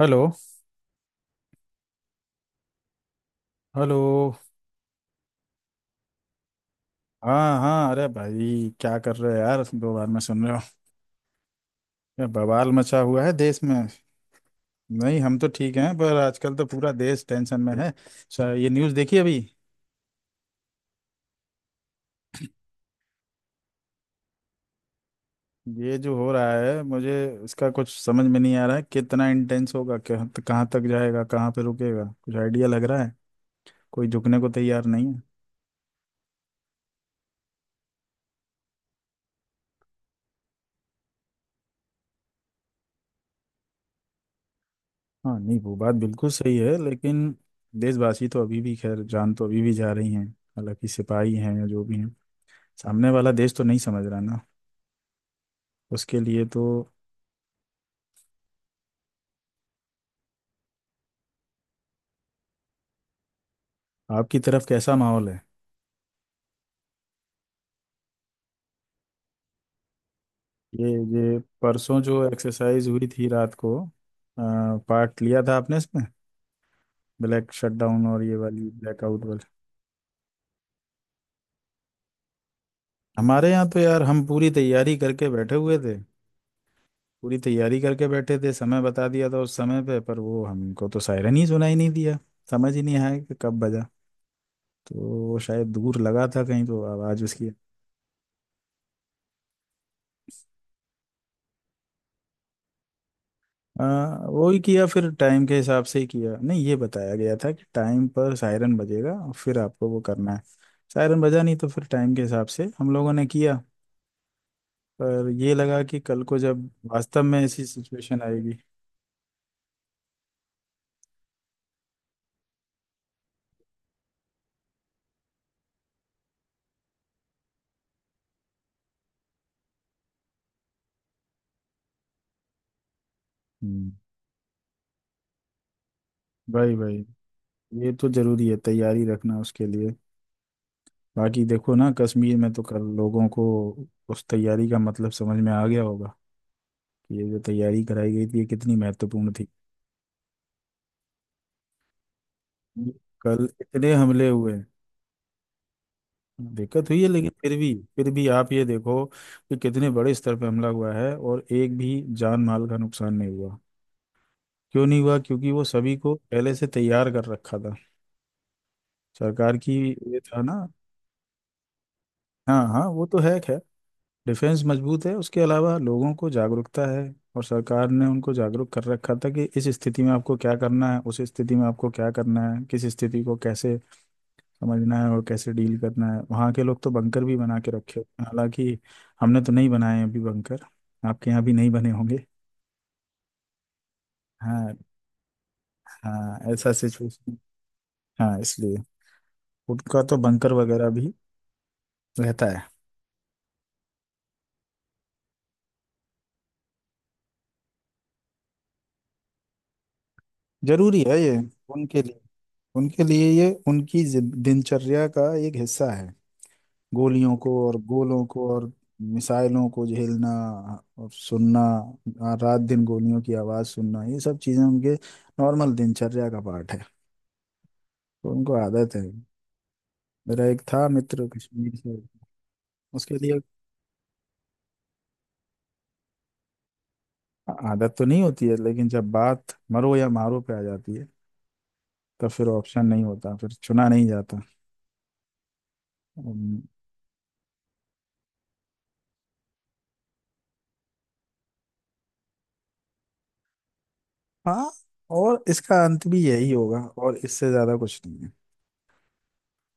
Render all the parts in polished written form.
Hello. Hello. हाँ हाँ, अरे भाई, क्या कर रहे हो यार, दो बार में सुन रहे हो? ये बवाल मचा हुआ है देश में। नहीं, हम तो ठीक हैं, पर आजकल तो पूरा देश टेंशन में है। ये न्यूज़ देखी अभी? ये जो हो रहा है मुझे, इसका कुछ समझ में नहीं आ रहा है। कितना इंटेंस होगा, कहाँ कहाँ तक जाएगा, कहाँ पे रुकेगा, कुछ आइडिया लग रहा है? कोई झुकने को तैयार नहीं है। हाँ नहीं, वो बात बिल्कुल सही है, लेकिन देशवासी तो अभी भी, खैर जान तो अभी भी जा रही हैं, हालांकि सिपाही हैं या जो भी हैं। सामने वाला देश तो नहीं समझ रहा ना, उसके लिए तो। आपकी तरफ कैसा माहौल है? ये ये परसों जो एक्सरसाइज हुई थी रात को, पार्ट लिया था आपने इसमें? ब्लैक शटडाउन और ये वाली ब्लैकआउट वाली। हमारे यहाँ तो यार हम पूरी तैयारी करके बैठे हुए थे, पूरी तैयारी करके बैठे थे, समय बता दिया था उस समय पे, पर वो हमको तो सायरन ही सुनाई नहीं दिया। समझ ही नहीं आया कि कब बजा, तो वो शायद दूर लगा था कहीं तो आवाज उसकी। आ, वही किया, फिर टाइम के हिसाब से ही किया। नहीं, ये बताया गया था कि टाइम पर सायरन बजेगा और फिर आपको वो करना है, सायरन बजा नहीं तो फिर टाइम के हिसाब से हम लोगों ने किया। पर ये लगा कि कल को जब वास्तव में ऐसी सिचुएशन आएगी। हम्म। भाई भाई, ये तो जरूरी है तैयारी रखना उसके लिए। बाकी देखो ना, कश्मीर में तो कल लोगों को उस तैयारी का मतलब समझ में आ गया होगा कि ये जो तैयारी कराई गई थी, ये कितनी महत्वपूर्ण थी। कल इतने हमले हुए, दिक्कत हुई है, लेकिन फिर भी आप ये देखो कि कितने बड़े स्तर पर हमला हुआ है और एक भी जान माल का नुकसान नहीं हुआ। क्यों नहीं हुआ? क्योंकि वो सभी को पहले से तैयार कर रखा था सरकार की। ये था ना। हाँ हाँ, वो तो है खैर। डिफेंस मजबूत है, उसके अलावा लोगों को जागरूकता है और सरकार ने उनको जागरूक कर रखा था कि इस स्थिति में आपको क्या करना है, उस स्थिति में आपको क्या करना है, किस स्थिति को कैसे समझना है और कैसे डील करना है। वहाँ के लोग तो बंकर भी बना के रखे होते हैं, हालांकि हमने तो नहीं बनाए हैं अभी बंकर। आपके यहाँ भी नहीं बने होंगे। हाँ। हाँ, ऐसा सिचुएशन। हाँ इसलिए उनका तो बंकर वगैरह भी रहता है। जरूरी है ये उनके लिए उनके लिए ये उनकी दिनचर्या का एक हिस्सा है। गोलियों को और गोलों को और मिसाइलों को झेलना और सुनना, रात दिन गोलियों की आवाज़ सुनना, ये सब चीज़ें उनके नॉर्मल दिनचर्या का पार्ट है, तो उनको आदत है। मेरा एक था मित्र कश्मीर से। उसके लिए आदत तो नहीं होती है, लेकिन जब बात मरो या मारो पे आ जाती है, तब फिर ऑप्शन नहीं होता, फिर चुना नहीं जाता। अम्म, हाँ, और इसका अंत भी यही होगा, और इससे ज्यादा कुछ नहीं है।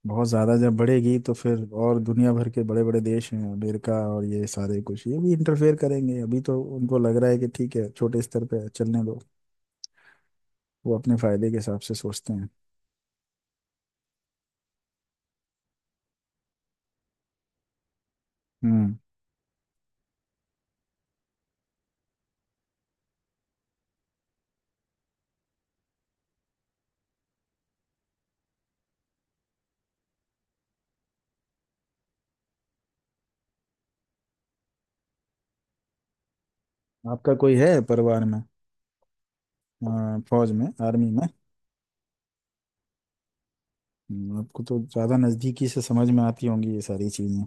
बहुत ज्यादा जब बढ़ेगी तो फिर और दुनिया भर के बड़े बड़े देश हैं, अमेरिका और ये सारे कुछ, ये भी इंटरफेयर करेंगे। अभी तो उनको लग रहा है कि ठीक है, छोटे स्तर पे चलने दो, वो अपने फायदे के हिसाब से सोचते हैं। हम्म। आपका कोई है परिवार में, फौज में, आर्मी में? हम्म। आपको तो ज़्यादा नज़दीकी से समझ में आती होंगी ये सारी चीज़ें।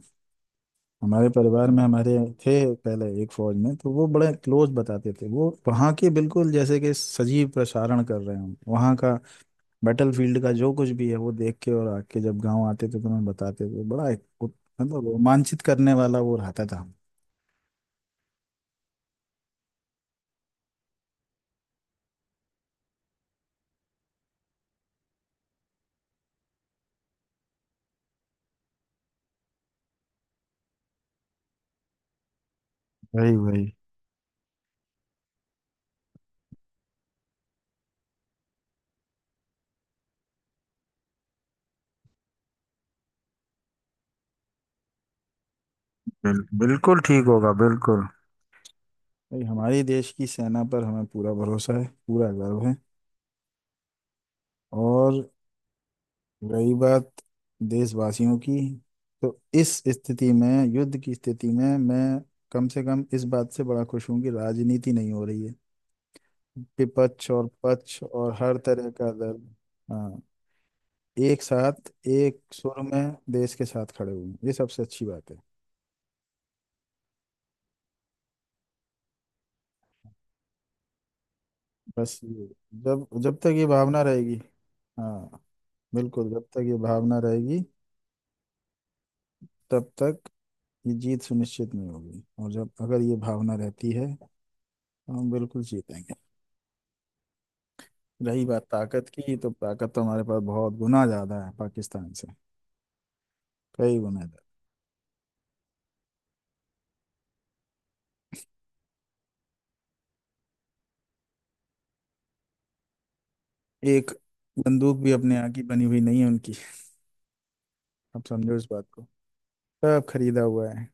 हमारे परिवार में हमारे थे पहले एक फौज में, तो वो बड़े क्लोज बताते थे। वो वहाँ के बिल्कुल जैसे कि सजीव प्रसारण कर रहे हों वहाँ का, बैटल फील्ड का जो कुछ भी है वो देख के और आके जब गाँव आते थे तो हमें बताते थे। बड़ा एक मतलब रोमांचित करने वाला वो रहता था। वही वही, बिल्कुल ठीक होगा बिल्कुल। भाई हमारे देश की सेना पर हमें पूरा भरोसा है, पूरा गर्व है। और रही बात देशवासियों की, तो इस स्थिति में, युद्ध की स्थिति में, मैं कम से कम इस बात से बड़ा खुश हूं कि राजनीति नहीं हो रही है। विपक्ष और पक्ष और हर तरह का दल, हाँ, एक साथ एक सुर में देश के साथ खड़े हुए हैं, ये सबसे अच्छी बात है। बस ये, जब जब तक ये भावना रहेगी, हाँ, बिल्कुल। जब तक ये भावना रहेगी, तब तक ये जीत सुनिश्चित नहीं होगी, और जब अगर ये भावना रहती है तो हम बिल्कुल जीतेंगे। रही बात ताकत की तो ताकत तो हमारे पास बहुत गुना ज्यादा है पाकिस्तान से, कई गुना ज्यादा। एक बंदूक भी अपने यहाँ की बनी हुई नहीं है उनकी, आप समझो इस बात को, सब खरीदा हुआ है।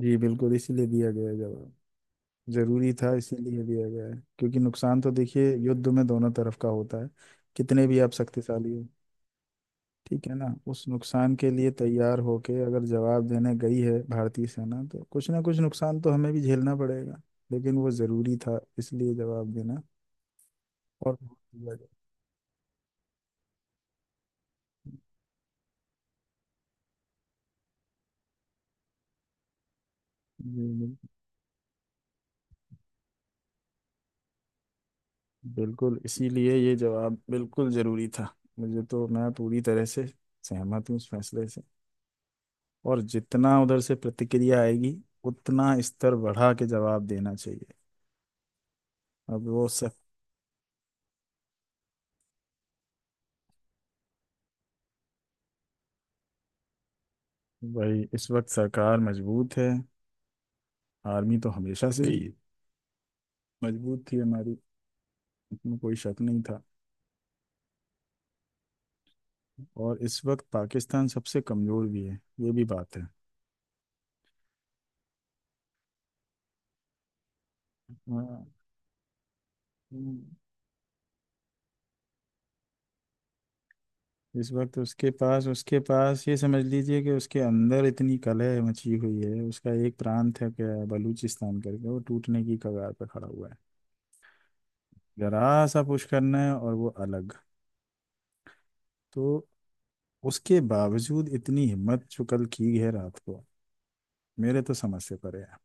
जी, बिल्कुल, इसीलिए दिया गया है जवाब। जरूरी था, इसीलिए दिया गया है, क्योंकि नुकसान तो देखिए युद्ध में दोनों तरफ का होता है, कितने भी आप शक्तिशाली हो, ठीक है ना? उस नुकसान के लिए तैयार होके अगर जवाब देने गई है भारतीय सेना तो कुछ ना कुछ नुकसान तो हमें भी झेलना पड़ेगा, लेकिन वो जरूरी था, इसलिए जवाब देना। और हम्म, बिल्कुल, इसीलिए ये जवाब बिल्कुल जरूरी था। मुझे तो मैं पूरी तरह से सहमत हूँ इस फैसले से, और जितना उधर से प्रतिक्रिया आएगी उतना स्तर बढ़ा के जवाब देना चाहिए। अब वो सब। भाई इस वक्त सरकार मजबूत है, आर्मी तो हमेशा से ही मजबूत थी हमारी, इसमें कोई शक नहीं था। और इस वक्त पाकिस्तान सबसे कमजोर भी है, ये भी बात है। हाँ। इस वक्त उसके पास ये समझ लीजिए कि उसके अंदर इतनी कलह मची हुई है, उसका एक प्रांत है क्या, बलूचिस्तान करके, वो टूटने की कगार पर खड़ा हुआ है। जरा सा पुश करना है और वो अलग। तो उसके बावजूद इतनी हिम्मत जो कल की है रात को, मेरे तो समझ से परे है।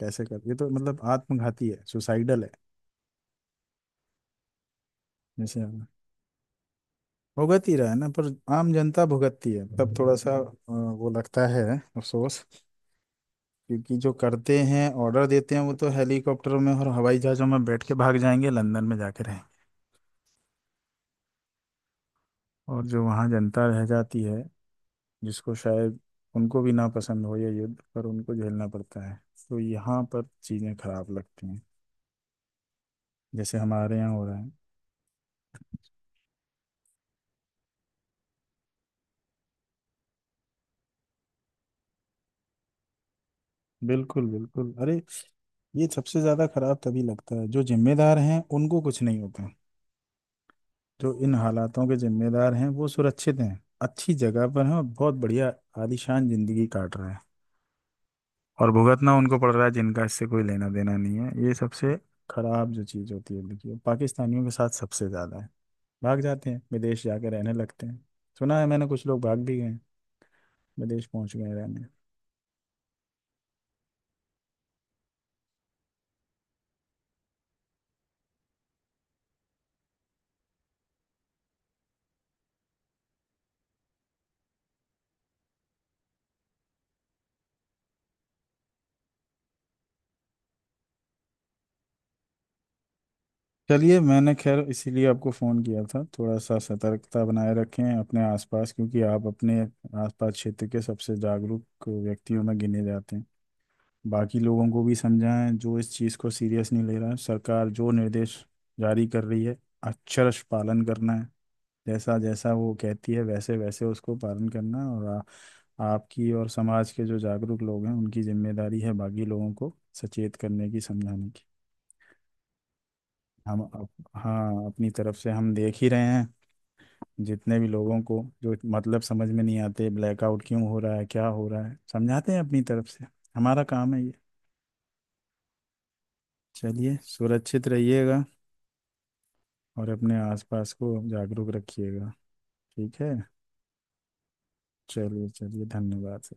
कैसे कर, ये तो मतलब आत्मघाती है, सुसाइडल है जैसे। भुगत ही रहा है ना, पर आम जनता भुगतती है तब थोड़ा सा वो लगता है, अफसोस। क्योंकि जो करते हैं ऑर्डर देते हैं वो तो हेलीकॉप्टरों में और हवाई जहाज़ों में बैठ के भाग जाएंगे, लंदन में जाके रहेंगे। और जो वहाँ जनता रह जाती है जिसको शायद उनको भी ना पसंद हो ये युद्ध, पर उनको झेलना पड़ता है, तो यहाँ पर चीज़ें खराब लगती हैं, जैसे हमारे यहाँ हो रहा है। बिल्कुल बिल्कुल, अरे, ये सबसे ज़्यादा खराब तभी लगता है, जो जिम्मेदार हैं उनको कुछ नहीं होता। जो इन हालातों के जिम्मेदार हैं वो सुरक्षित हैं, अच्छी जगह पर हैं, और बहुत बढ़िया आलीशान जिंदगी काट रहे हैं, और भुगतना उनको पड़ रहा है जिनका इससे कोई लेना देना नहीं है। ये सबसे खराब जो चीज़ होती है, देखिए, पाकिस्तानियों के साथ सबसे ज़्यादा है। भाग जाते हैं विदेश जाके रहने लगते हैं। सुना है मैंने कुछ लोग भाग भी गए हैं, विदेश पहुंच गए रहने। चलिए, मैंने खैर इसीलिए आपको फ़ोन किया था, थोड़ा सा सतर्कता बनाए रखें अपने आसपास, क्योंकि आप अपने आसपास क्षेत्र के सबसे जागरूक व्यक्तियों में गिने जाते हैं। बाकी लोगों को भी समझाएं जो इस चीज़ को सीरियस नहीं ले रहा है। सरकार जो निर्देश जारी कर रही है, अक्षरश पालन करना है। जैसा जैसा वो कहती है वैसे वैसे उसको पालन करना, और आपकी और समाज के जो जागरूक लोग हैं उनकी जिम्मेदारी है बाकी लोगों को सचेत करने की, समझाने की। हम हाँ, अपनी तरफ से हम देख ही रहे हैं। जितने भी लोगों को जो मतलब समझ में नहीं आते ब्लैकआउट क्यों हो रहा है, क्या हो रहा है, समझाते हैं अपनी तरफ से, हमारा काम है ये। चलिए, सुरक्षित रहिएगा और अपने आसपास को जागरूक रखिएगा, ठीक है। चलिए चलिए, धन्यवाद।